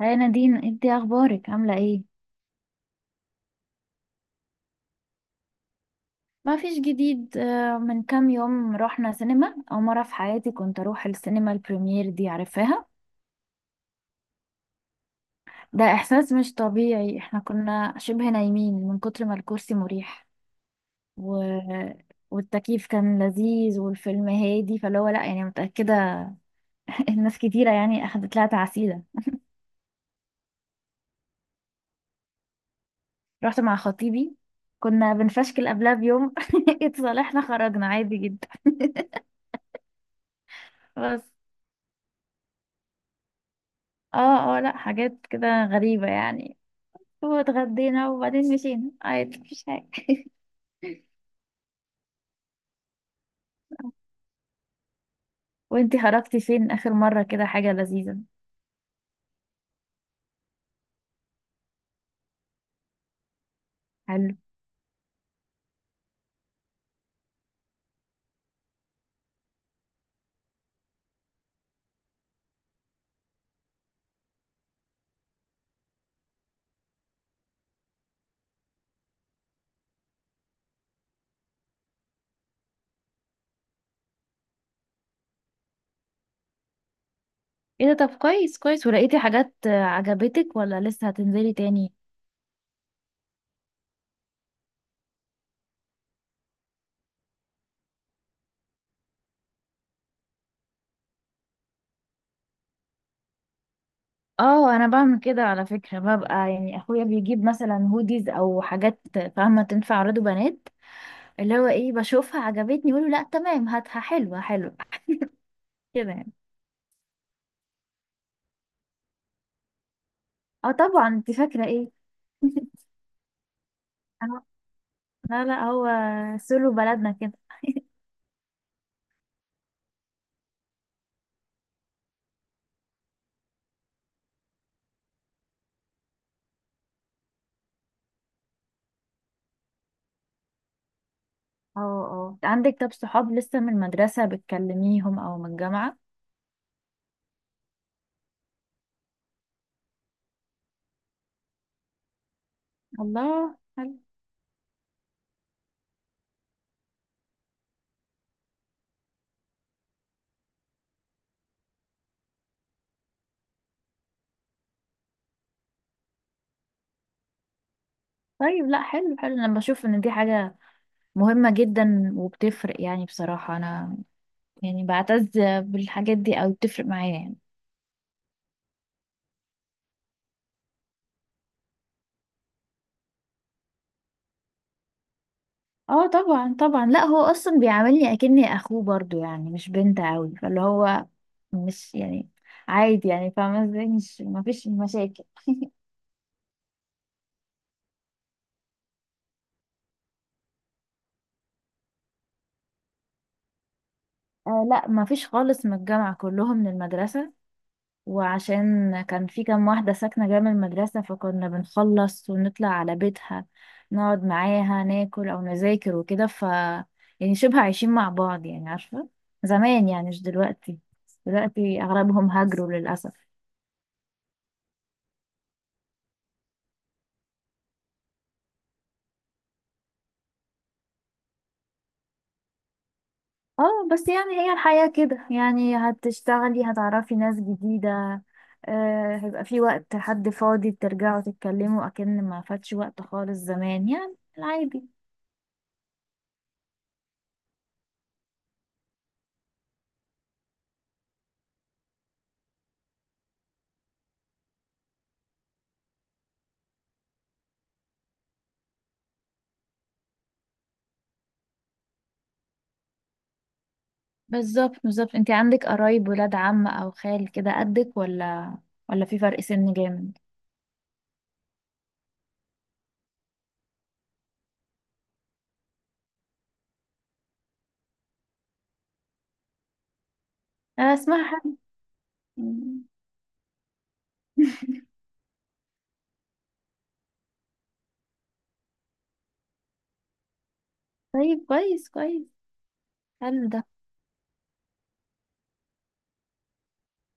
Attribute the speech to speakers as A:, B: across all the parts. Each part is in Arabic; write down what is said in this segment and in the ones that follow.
A: هاي نادين، انت اخبارك عامله ايه؟ ما فيش جديد. من كام يوم رحنا سينما. اول مره في حياتي كنت اروح السينما، البريمير دي عارفاها؟ ده احساس مش طبيعي. احنا كنا شبه نايمين من كتر ما الكرسي مريح، و... والتكييف كان لذيذ، والفيلم هادي فاللي هو لا يعني متاكده. الناس كتيره يعني اخدت لها تعسيده. رحت مع خطيبي. كنا بنفشكل قبلها بيوم، اتصالحنا، خرجنا عادي جدا بس. اه اه، لا، حاجات كده غريبة يعني. واتغدينا وبعدين مشينا عادي، مفيش حاجة. وانتي خرجتي فين آخر مرة؟ كده حاجة لذيذة. حلو. ايه ده؟ طب كويس كويس. ولقيتي حاجات عجبتك ولا لسه هتنزلي تاني؟ اه انا بعمل كده على فكرة، ببقى يعني اخويا بيجيب مثلا هوديز او حاجات، فاهمة؟ تنفع عراض بنات. اللي هو ايه، بشوفها عجبتني يقولوا لا تمام هاتها، حلوة حلوة كده يعني. اه طبعا، انت فاكرة ايه؟ اه، لا لا، هو سولو بلدنا كده. اه اه، عندك طب صحاب لسه من المدرسة بتكلميهم او من الجامعة؟ الله، حلو. طيب لا، حلو حلو. انا بشوف ان دي حاجة مهمة جدا وبتفرق، يعني بصراحة انا يعني بعتز بالحاجات دي، او بتفرق معايا يعني. اه طبعا طبعا. لا، هو اصلا بيعاملني اكني اخوه برضو، يعني مش بنت قوي فاللي هو مش يعني عادي يعني، فاهمة ازاي؟ مش، مفيش مشاكل. آه لا، مفيش خالص من الجامعة، كلهم من المدرسة. وعشان كان في كام واحدة ساكنة جنب المدرسة فكنا بنخلص ونطلع على بيتها نقعد معاها ناكل أو نذاكر وكده ف، يعني شبه عايشين مع بعض، يعني عارفة، زمان يعني مش دلوقتي. دلوقتي أغلبهم هاجروا للأسف. اه بس يعني هي الحياة كده، يعني هتشتغلي هتعرفي ناس جديدة، هيبقى في وقت حد فاضي ترجعوا تتكلموا أكن ما فاتش وقت خالص، زمان يعني العادي. بالظبط بالظبط. انت عندك قرايب ولاد عم او خال كده قدك ولا؟ ولا في فرق سن جامد؟ انا اسمها حاجة. طيب كويس كويس، حلو ده.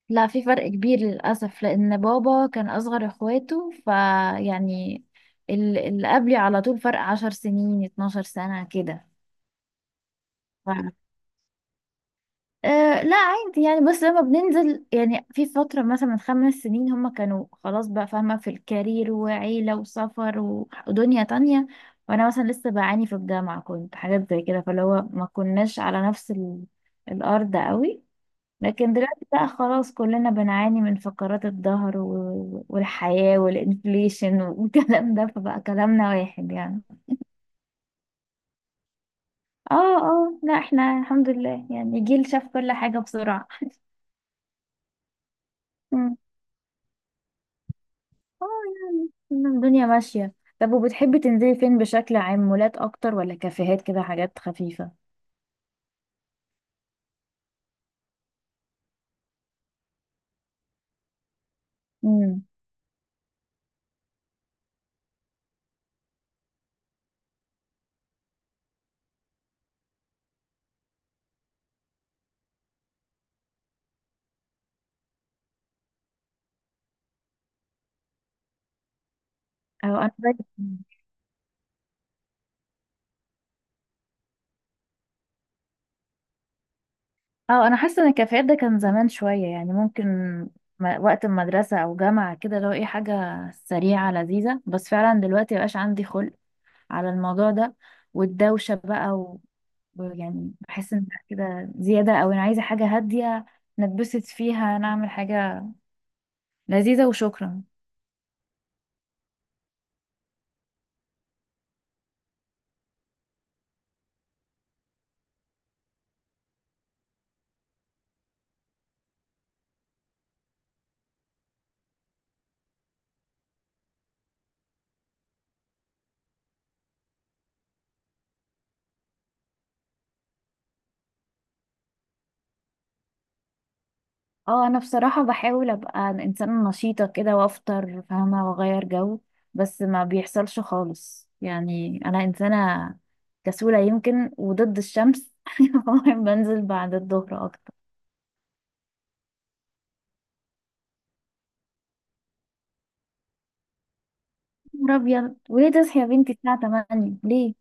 A: لا، في فرق كبير للأسف، لأن بابا كان أصغر إخواته فيعني اللي قبلي على طول فرق عشر سنين اتناشر سنة كده. أه لا عادي يعني، بس لما بننزل يعني في فترة مثلا من خمس سنين هما كانوا خلاص بقى فاهمة، في الكارير وعيلة وسفر ودنيا تانية. وأنا مثلا لسه بعاني في الجامعة، كنت حاجات زي كده فاللي هو ما كناش على نفس الأرض قوي. لكن دلوقتي بقى خلاص كلنا بنعاني من فقرات الظهر والحياة والإنفليشن والكلام ده، فبقى كلامنا واحد يعني. اه اه، لا احنا الحمد لله يعني جيل شاف كل حاجة بسرعة. اه، يعني إن الدنيا ماشية. طب وبتحبي تنزلي فين بشكل عام؟ مولات اكتر ولا كافيهات كده حاجات خفيفة؟ امم. اه انا زيك. اه انا حاسة ان الكافيهات ده كان زمان شوية، يعني ممكن وقت المدرسة او جامعة كده لو ايه حاجة سريعة لذيذة، بس فعلا دلوقتي مبقاش عندي خلق على الموضوع ده، والدوشة بقى يعني بحس ان لأ، كده زيادة، او انا عايزة حاجة هادية نتبسط فيها، نعمل حاجة لذيذة وشكرا. اه انا بصراحة بحاول ابقى انسانة نشيطة كده وافطر، فاهمة، واغير جو، بس ما بيحصلش خالص. يعني انا انسانة كسولة يمكن وضد الشمس، فمهم بنزل بعد الظهر اكتر. يا نهار ابيض! وليه تصحي يا بنتي الساعة 8؟ ليه؟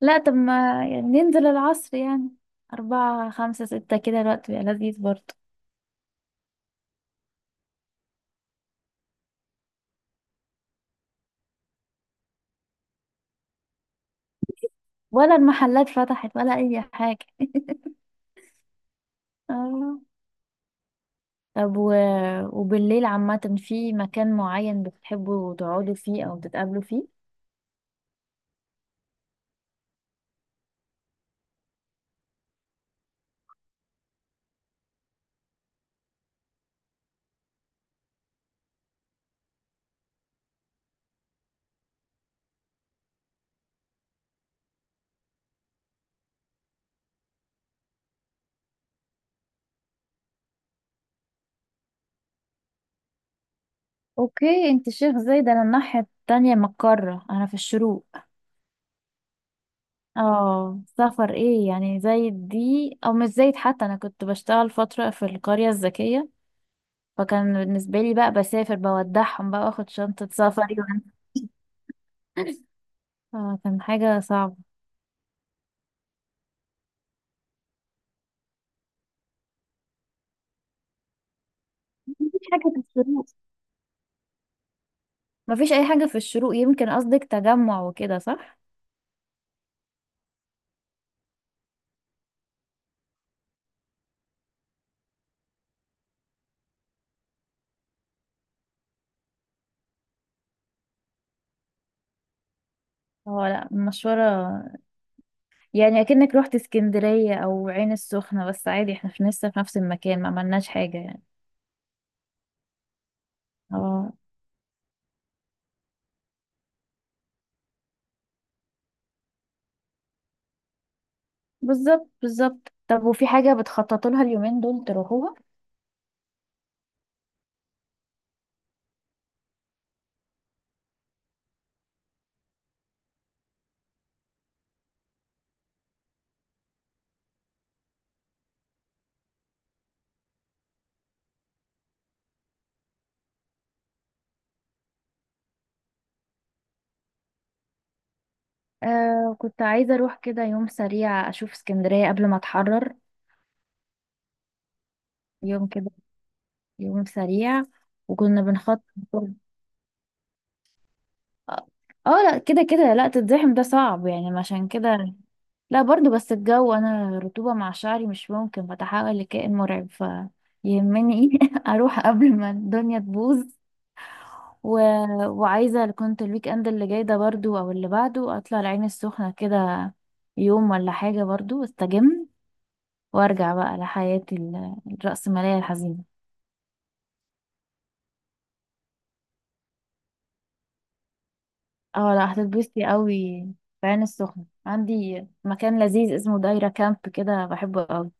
A: لا طب، ما يعني ننزل العصر يعني، أربعة خمسة ستة كده الوقت بيبقى لذيذ برضه. ولا المحلات فتحت ولا أي حاجة. آه. طب وبالليل عامة في مكان معين بتحبوا تقعدوا فيه أو تتقابلوا فيه؟ اوكي، انت شيخ زايد، انا الناحية التانية من القارة، انا في الشروق. اه سفر ايه يعني زايد دي، او مش زايد حتى، انا كنت بشتغل فترة في القرية الذكية فكان بالنسبة لي بقى بسافر، بودعهم بقى واخد شنطة سفري اه، كان حاجة صعبة. مفيش حاجة في الشروق. مفيش أي حاجة في الشروق، يمكن قصدك تجمع وكده صح؟ اه لا، المشورة يعني اكنك رحت اسكندرية او عين السخنة، بس عادي احنا في لسه في نفس المكان، ما عملناش حاجة يعني. اه. بالظبط بالظبط. طب وفي حاجة بتخططوا لها اليومين دول تروحوها؟ آه كنت عايزة اروح كده يوم سريع اشوف اسكندرية قبل ما اتحرر. يوم كده، يوم سريع. وكنا بنخطط. اه. لا، كده كده لا تتزحم ده صعب يعني، عشان كده لا برضو. بس الجو، انا رطوبة مع شعري مش ممكن، بتحول لكائن مرعب فيهمني، اروح قبل ما الدنيا تبوظ. و... وعايزة كنت الويك اند اللي جاي ده برضو او اللي بعده اطلع العين السخنة كده يوم ولا حاجة برضو، استجم وارجع بقى لحياتي الرأسمالية الحزينة. اه لا، هتتبسطي قوي. في العين السخنة عندي مكان لذيذ اسمه دايرة كامب كده، بحبه قوي.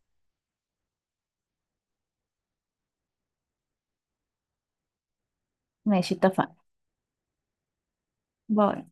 A: ماشي اتفقنا. باي.